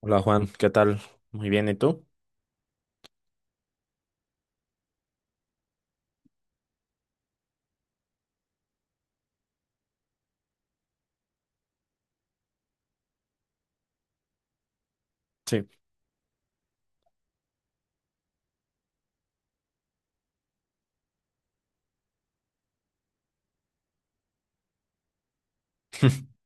Hola Juan, ¿qué tal? Muy bien, ¿y tú? Sí,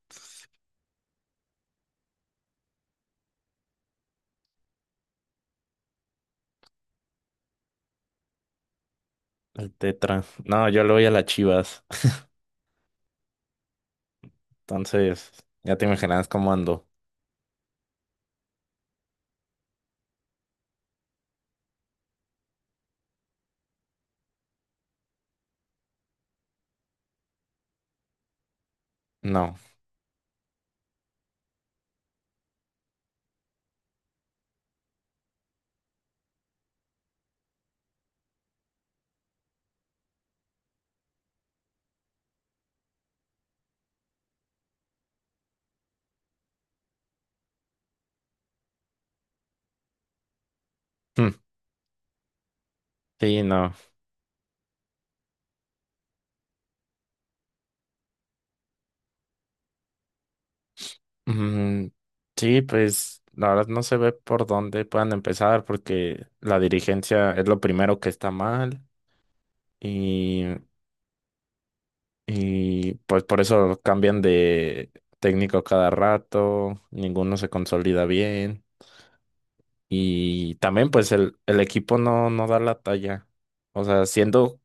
el Tetra. No, yo le voy a las Chivas. Entonces, ya te imaginas cómo ando. No. Mm, sí, no. Mm, sí, pues la verdad no se ve por dónde puedan empezar porque la dirigencia es lo primero que está mal y, y pues por eso cambian de técnico cada rato, ninguno se consolida bien. Y también pues el equipo no da la talla. O sea, siendo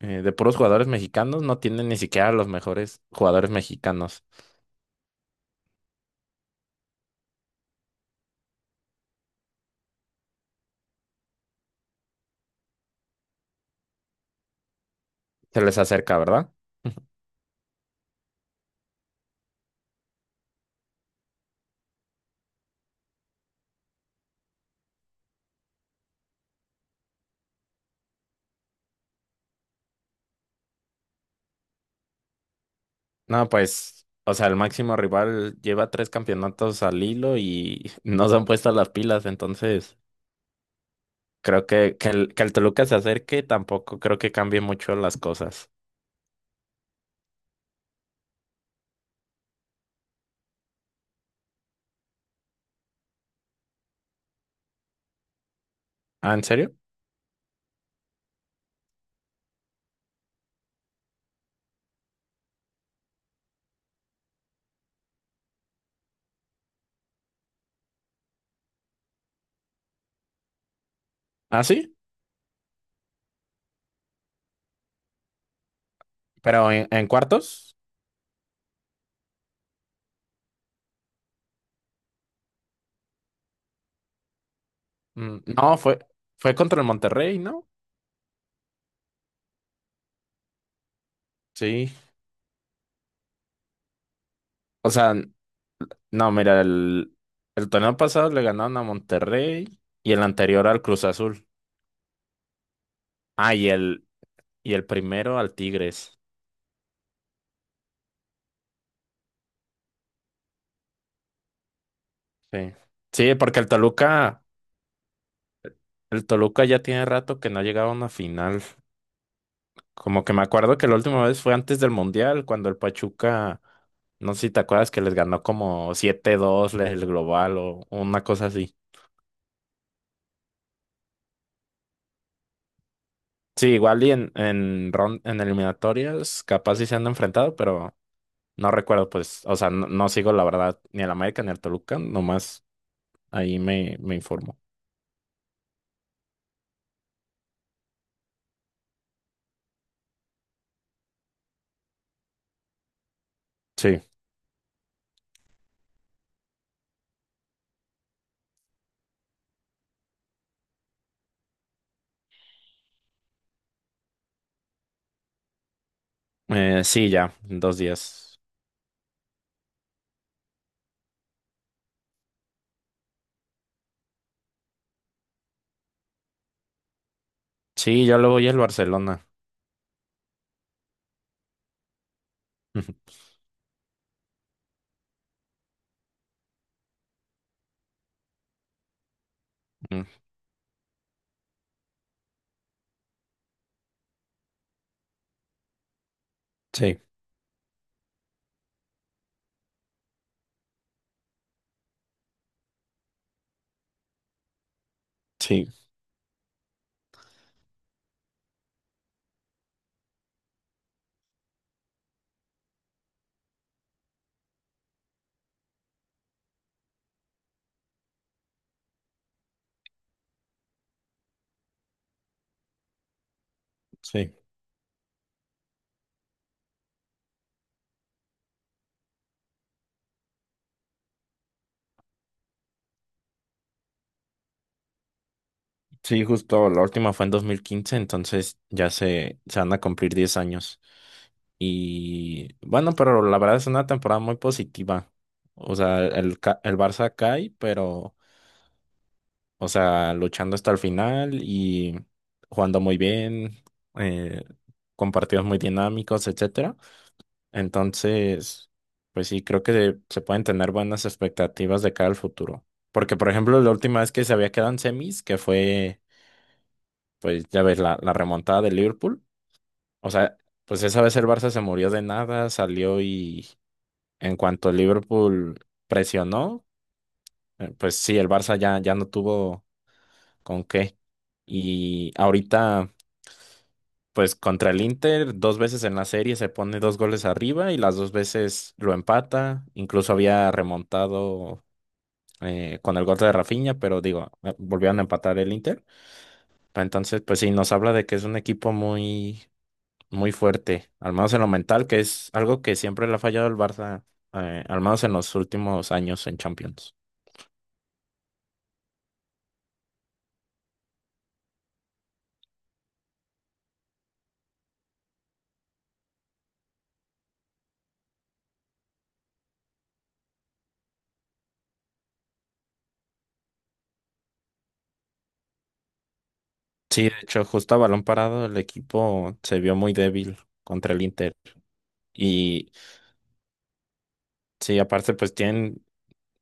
de puros jugadores mexicanos, no tienen ni siquiera los mejores jugadores mexicanos. Se les acerca, ¿verdad? No, pues, o sea, el máximo rival lleva tres campeonatos al hilo y no se han puesto las pilas. Entonces creo que el Toluca se acerque tampoco creo que cambie mucho las cosas. ¿Ah, en serio? ¿Ah, sí? ¿Pero en, cuartos? Mm, no, fue contra el Monterrey, ¿no? Sí. O sea, no, mira, el, torneo pasado le ganaron a Monterrey y el anterior al Cruz Azul. Ah, y el primero al Tigres. Sí. Sí, porque el Toluca ya tiene rato que no ha llegado a una final. Como que me acuerdo que la última vez fue antes del Mundial, cuando el Pachuca, no sé si te acuerdas que les ganó como 7-2 el global o una cosa así. Sí, igual y en eliminatorias capaz sí se han enfrentado, pero no recuerdo, pues, o sea, no sigo la verdad ni al América ni al Toluca, nomás ahí me informo. Sí, sí, ya, en 2 días. Sí, yo le voy al Barcelona. Mm, sí, sí, sí. Sí, justo la última fue en 2015, entonces ya se van a cumplir 10 años. Y bueno, pero la verdad es una temporada muy positiva. O sea, el Barça cae, pero, o sea, luchando hasta el final y jugando muy bien, eh, con partidos muy dinámicos, etcétera. Entonces, pues sí, creo que se pueden tener buenas expectativas de cara al futuro. Porque, por ejemplo, la última vez que se había quedado en semis, que fue, pues ya ves, la remontada de Liverpool. O sea, pues esa vez el Barça se murió de nada, salió y en cuanto Liverpool presionó, pues sí, el Barça ya no tuvo con qué. Y ahorita pues contra el Inter, dos veces en la serie se pone dos goles arriba y las dos veces lo empata. Incluso había remontado, con el gol de Rafinha, pero digo, volvieron a empatar el Inter. Entonces, pues sí, nos habla de que es un equipo muy, muy fuerte, al menos en lo mental, que es algo que siempre le ha fallado el Barça, al menos en los últimos años en Champions. Sí, de hecho, justo a balón parado el equipo se vio muy débil contra el Inter. Y sí, aparte pues tienen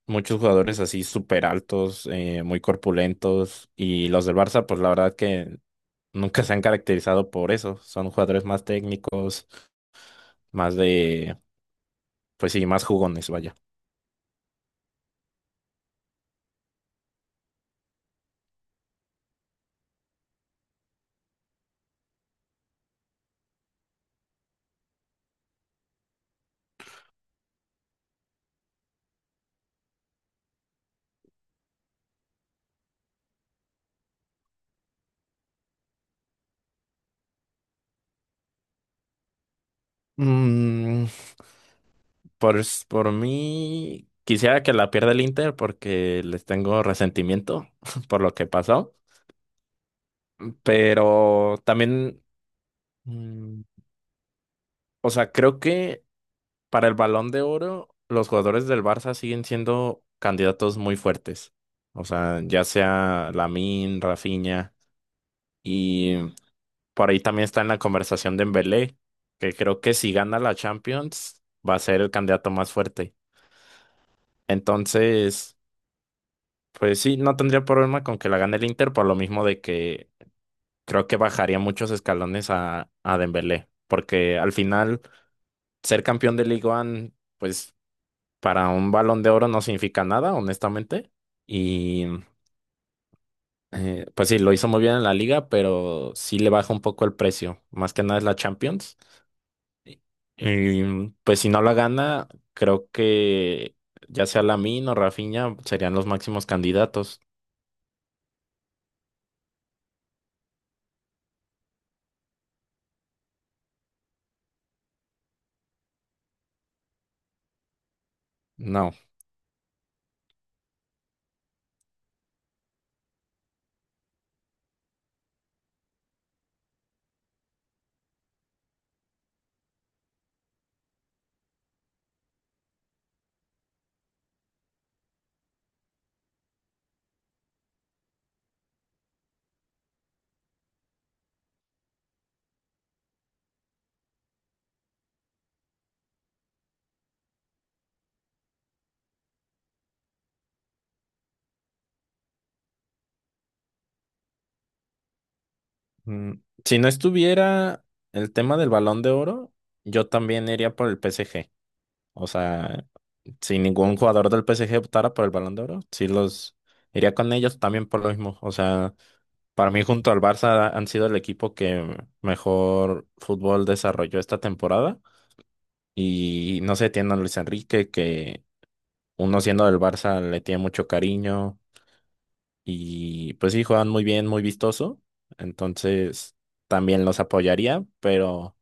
muchos jugadores así súper altos, muy corpulentos. Y los del Barça pues la verdad que nunca se han caracterizado por eso. Son jugadores más técnicos, más de. Pues sí, más jugones, vaya. Mm, por mí, quisiera que la pierda el Inter porque les tengo resentimiento por lo que pasó. Pero también, mm, o sea, creo que para el Balón de Oro, los jugadores del Barça siguen siendo candidatos muy fuertes. O sea, ya sea Lamine, Rafinha y por ahí también está en la conversación de Dembélé, que creo que si gana la Champions va a ser el candidato más fuerte. Entonces, pues sí, no tendría problema con que la gane el Inter, por lo mismo de que creo que bajaría muchos escalones a, Dembélé, porque al final ser campeón de Ligue 1, pues para un Balón de Oro no significa nada, honestamente. Y pues sí, lo hizo muy bien en la liga, pero sí le baja un poco el precio, más que nada es la Champions. Y pues si no la gana, creo que ya sea Lamine o Rafinha serían los máximos candidatos. No. Mm, Si no estuviera el tema del Balón de Oro, yo también iría por el PSG. O sea, si ningún jugador del PSG optara por el Balón de Oro, sí los iría con ellos también por lo mismo. O sea, para mí junto al Barça han sido el equipo que mejor fútbol desarrolló esta temporada. Y no sé, tiene a Luis Enrique, que uno siendo del Barça le tiene mucho cariño. Y pues sí, juegan muy bien, muy vistoso. Entonces, también los apoyaría, pero...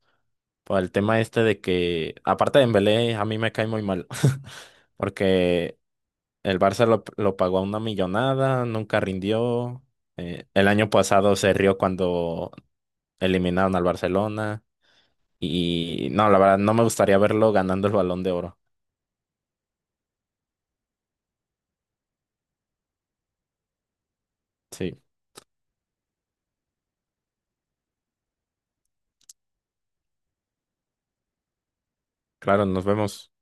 Por el tema este de que, aparte de Dembélé, a mí me cae muy mal. Porque el Barça lo pagó a una millonada, nunca rindió. El año pasado se rió cuando eliminaron al Barcelona. Y no, la verdad, no me gustaría verlo ganando el Balón de Oro. Sí, claro, nos vemos.